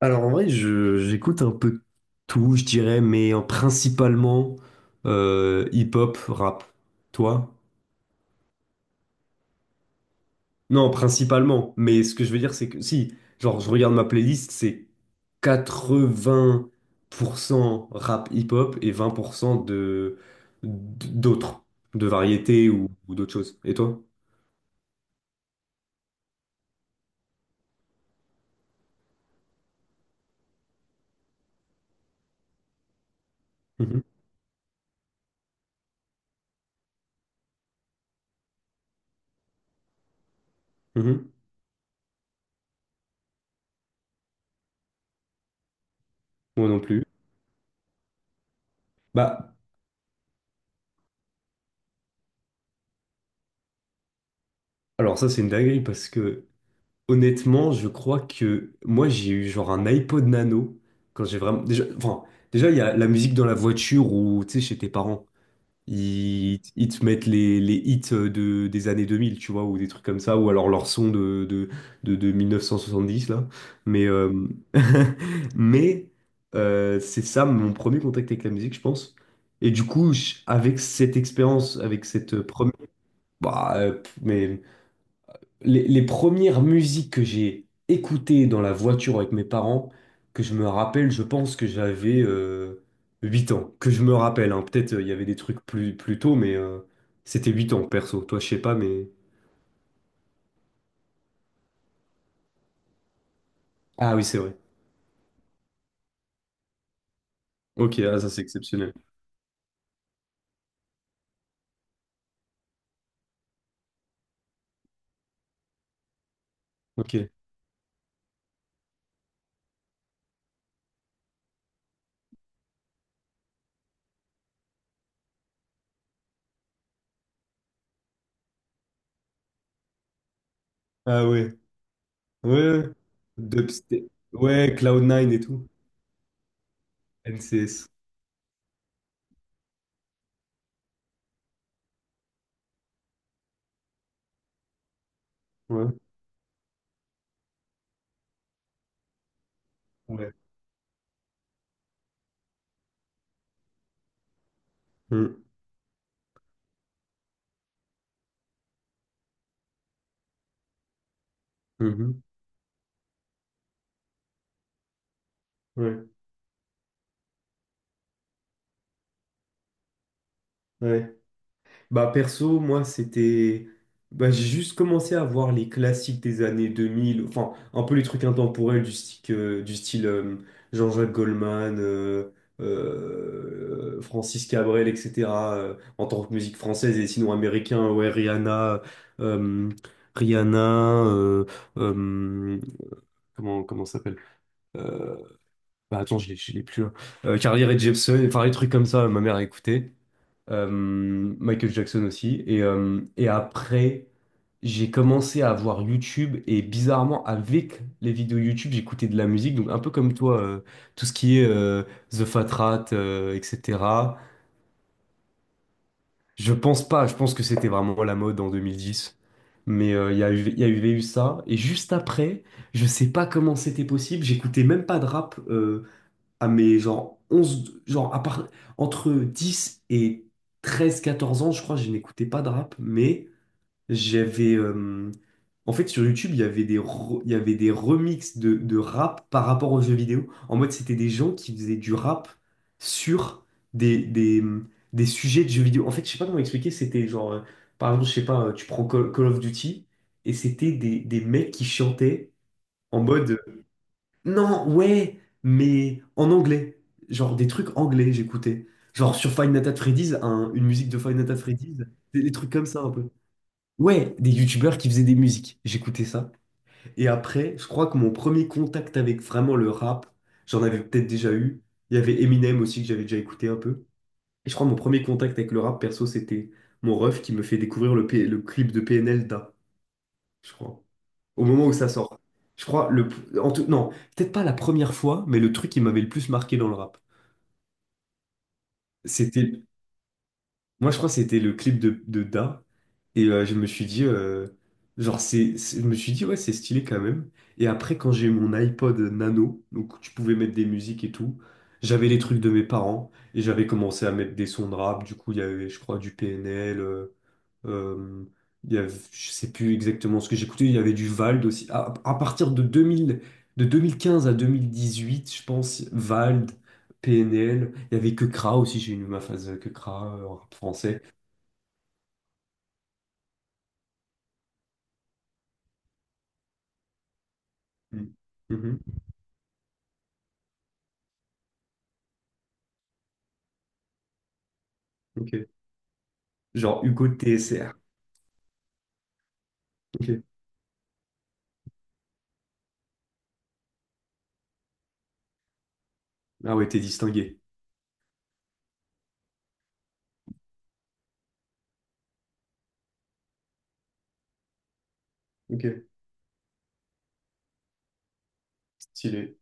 Alors en vrai, j'écoute un peu tout, je dirais, mais principalement hip-hop, rap. Toi? Non, principalement. Mais ce que je veux dire, c'est que si, genre, je regarde ma playlist, c'est 80% rap hip-hop et 20% de d'autres, de variétés ou d'autres choses. Et toi? Mhm, mhm. Moi non plus. Bah, alors ça, c'est une dinguerie parce que honnêtement, je crois que moi j'ai eu genre un iPod Nano quand j'ai vraiment déjà, enfin, déjà il y a la musique dans la voiture ou tu sais chez tes parents, ils te mettent les hits, de des années 2000, tu vois, ou des trucs comme ça, ou alors leur son de 1970 là, mais mais c'est ça mon premier contact avec la musique, je pense. Et du coup avec cette expérience, avec cette première, mais les premières musiques que j'ai écoutées dans la voiture avec mes parents, que je me rappelle, je pense que j'avais 8 ans. Que je me rappelle, hein. Peut-être, il y avait des trucs plus tôt, mais c'était 8 ans perso. Toi, je sais pas, mais. Ah oui, c'est vrai. Ok, ah, ça c'est exceptionnel. Ok. Ah ouais. Ouais. Ouais. Dubstep. Ouais, cloud nine et tout. NCS. Ouais. Ouais. Mm. Mhm. Ouais. Ouais. Bah perso, moi c'était. Bah, j'ai juste commencé à voir les classiques des années 2000, enfin un peu les trucs intemporels du style Jean-Jacques Goldman, Francis Cabrel, etc. En tant que musique française et sinon américain, ouais, euh, Rihanna, euh, comment ça s'appelle? Euh, bah attends, je l'ai plus là. Carly Rae Jepsen, enfin les trucs comme ça, ma mère écoutait euh, Michael Jackson aussi. Et après, j'ai commencé à voir YouTube et bizarrement, avec les vidéos YouTube, j'écoutais de la musique. Donc un peu comme toi, tout ce qui est The Fat Rat, etc. Je pense pas, je pense que c'était vraiment la mode en 2010. Mais il y a eu ça. Et juste après, je sais pas comment c'était possible, j'écoutais même pas de rap, à mes genre onze, genre à part, entre 10 et 13 14 ans, je crois, je n'écoutais pas de rap, mais j'avais. En fait, sur YouTube, il y avait des remixes de rap par rapport aux jeux vidéo. En mode, c'était des gens qui faisaient du rap sur des, des, des sujets de jeux vidéo. En fait, je sais pas comment expliquer, c'était genre, par exemple, je sais pas, tu prends Call of Duty, et c'était des mecs qui chantaient en mode. Non, ouais, mais en anglais. Genre des trucs anglais, j'écoutais. Genre sur Five Nights at Freddy's, une musique de Five Nights at Freddy's, des trucs comme ça un peu. Ouais, des youtubeurs qui faisaient des musiques. J'écoutais ça. Et après, je crois que mon premier contact avec vraiment le rap, j'en avais peut-être déjà eu. Il y avait Eminem aussi que j'avais déjà écouté un peu. Et je crois que mon premier contact avec le rap perso, c'était mon ref qui me fait découvrir le clip de PNL Da, je crois, au moment où ça sort. Je crois, le, en tout, non, peut-être pas la première fois, mais le truc qui m'avait le plus marqué dans le rap, c'était moi, je crois que c'était le clip de Da. Et je me suis dit, genre, je me suis dit, ouais, c'est stylé quand même. Et après, quand j'ai mon iPod Nano, donc tu pouvais mettre des musiques et tout, j'avais les trucs de mes parents et j'avais commencé à mettre des sons de rap. Du coup, il y avait, je crois, du PNL. Euh, il y avait, je sais plus exactement ce que j'écoutais. Il y avait du Vald aussi. À partir de 2015 à 2018, je pense, Vald. PNL. Il y avait que Kra aussi, j'ai eu ma phase que Kra en rap français. Mm. Mhm. Ok. Genre Hugo TSR. Ok. Ah ouais, t'es distingué. Ok. Stylé.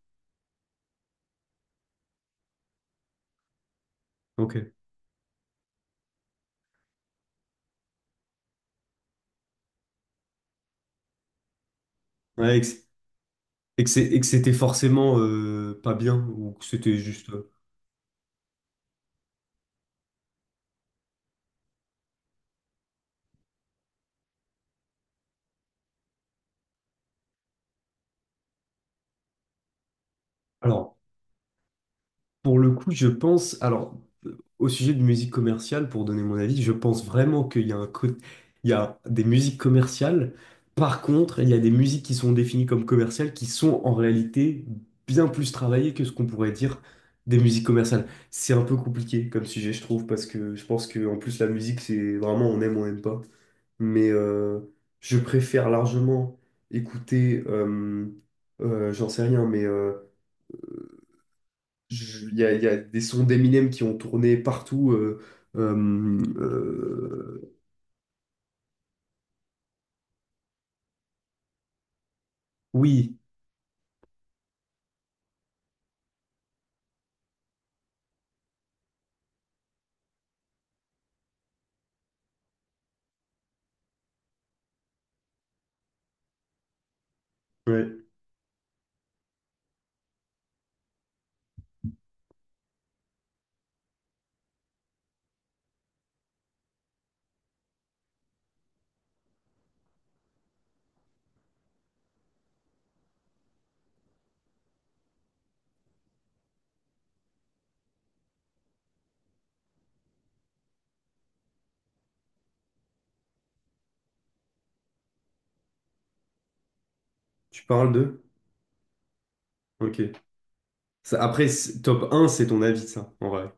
Ok. Ouais, et que c'était forcément pas bien ou que c'était juste. Alors. Pour le coup, je pense, alors, au sujet de musique commerciale, pour donner mon avis, je pense vraiment qu'il y a un côté, il y a des musiques commerciales. Par contre, il y a des musiques qui sont définies comme commerciales qui sont en réalité bien plus travaillées que ce qu'on pourrait dire des musiques commerciales. C'est un peu compliqué comme sujet, je trouve, parce que je pense que en plus la musique, c'est vraiment on aime, on n'aime pas. Mais je préfère largement écouter, j'en sais rien, mais il y a des sons d'Eminem qui ont tourné partout. Euh, euh, Oui, ouais. Tu parles de? Ok. Ça, après, top un c'est ton avis, ça, en vrai.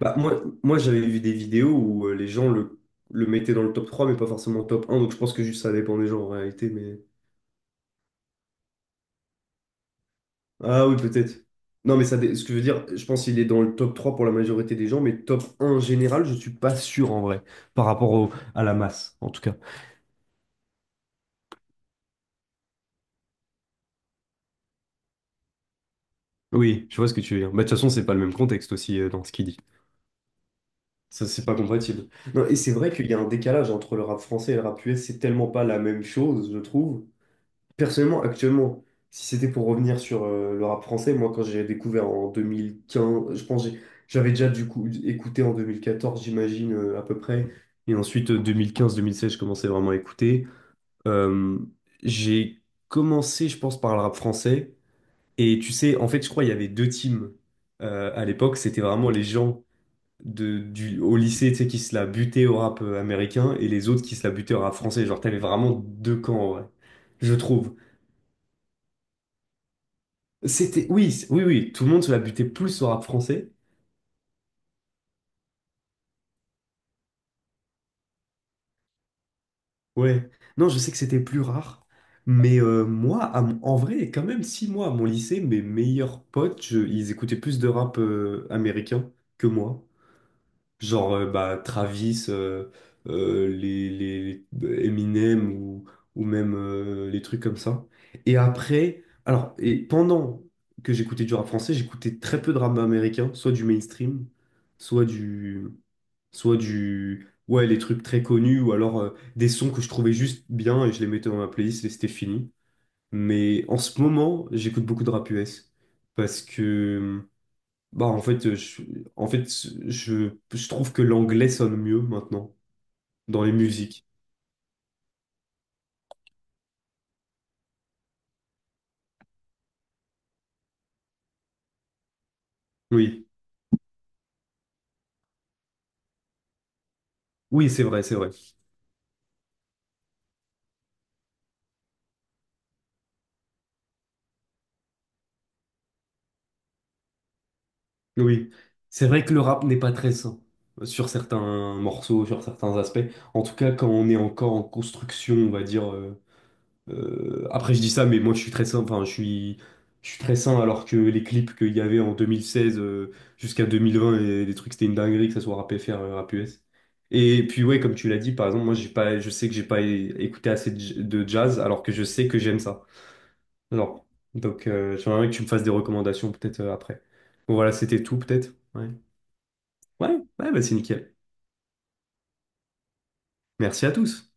Bah, moi j'avais vu des vidéos où les gens le mettaient dans le top 3 mais pas forcément top un, donc je pense que juste ça dépend des gens en réalité. Mais. Ah oui, peut-être. Non, mais ça, ce que je veux dire, je pense qu'il est dans le top 3 pour la majorité des gens, mais top un général, je suis pas sûr en vrai, par rapport à la masse, en tout cas. Oui, je vois ce que tu veux dire. Bah, de toute façon, c'est pas le même contexte aussi, dans ce qu'il dit. Ça, c'est pas compatible. Non, et c'est vrai qu'il y a un décalage entre le rap français et le rap US, c'est tellement pas la même chose, je trouve. Personnellement, actuellement, si c'était pour revenir sur le rap français, moi, quand j'ai découvert en 2015, je pense que j'avais déjà du coup écouté en 2014, j'imagine, à peu près. Et ensuite, 2015-2016, je commençais vraiment à écouter. Euh, j'ai commencé, je pense, par le rap français. Et tu sais, en fait, je crois qu'il y avait deux teams, à l'époque. C'était vraiment les gens au lycée, tu sais, qui se la butaient au rap américain et les autres qui se la butaient au rap français. Genre, t'avais vraiment deux camps, en vrai, je trouve. Oui, oui, oui, tout le monde se la butait plus au rap français. Ouais. Non, je sais que c'était plus rare. Mais moi, en vrai, quand même, si moi, à mon lycée, mes meilleurs potes, ils écoutaient plus de rap américain que moi. Genre, bah, Travis, les Eminem ou même les trucs comme ça. Et après, alors, et pendant que j'écoutais du rap français, j'écoutais très peu de rap américain, soit du mainstream, soit du, ouais, les trucs très connus, ou alors des sons que je trouvais juste bien et je les mettais dans ma playlist et c'était fini. Mais en ce moment, j'écoute beaucoup de rap US parce que bah, en fait, en fait, je trouve que l'anglais sonne mieux maintenant dans les musiques. Oui, oui, c'est vrai, c'est vrai. Oui, c'est vrai que le rap n'est pas très sain, sur certains morceaux, sur certains aspects. En tout cas, quand on est encore en construction, on va dire. Après, je dis ça, mais moi, je suis très sain. Enfin, je suis très sain alors que les clips qu'il y avait en 2016, jusqu'à 2020 et les trucs, c'était une dinguerie, que ça soit rap FR, rap US. Et puis, ouais, comme tu l'as dit, par exemple, moi, j'ai pas, je sais que j'ai pas écouté assez de de jazz alors que je sais que j'aime ça. Alors, donc, j'aimerais que tu me fasses des recommandations peut-être, après. Bon, voilà, c'était tout peut-être. Ouais, ouais, ouais, bah, c'est nickel. Merci à tous.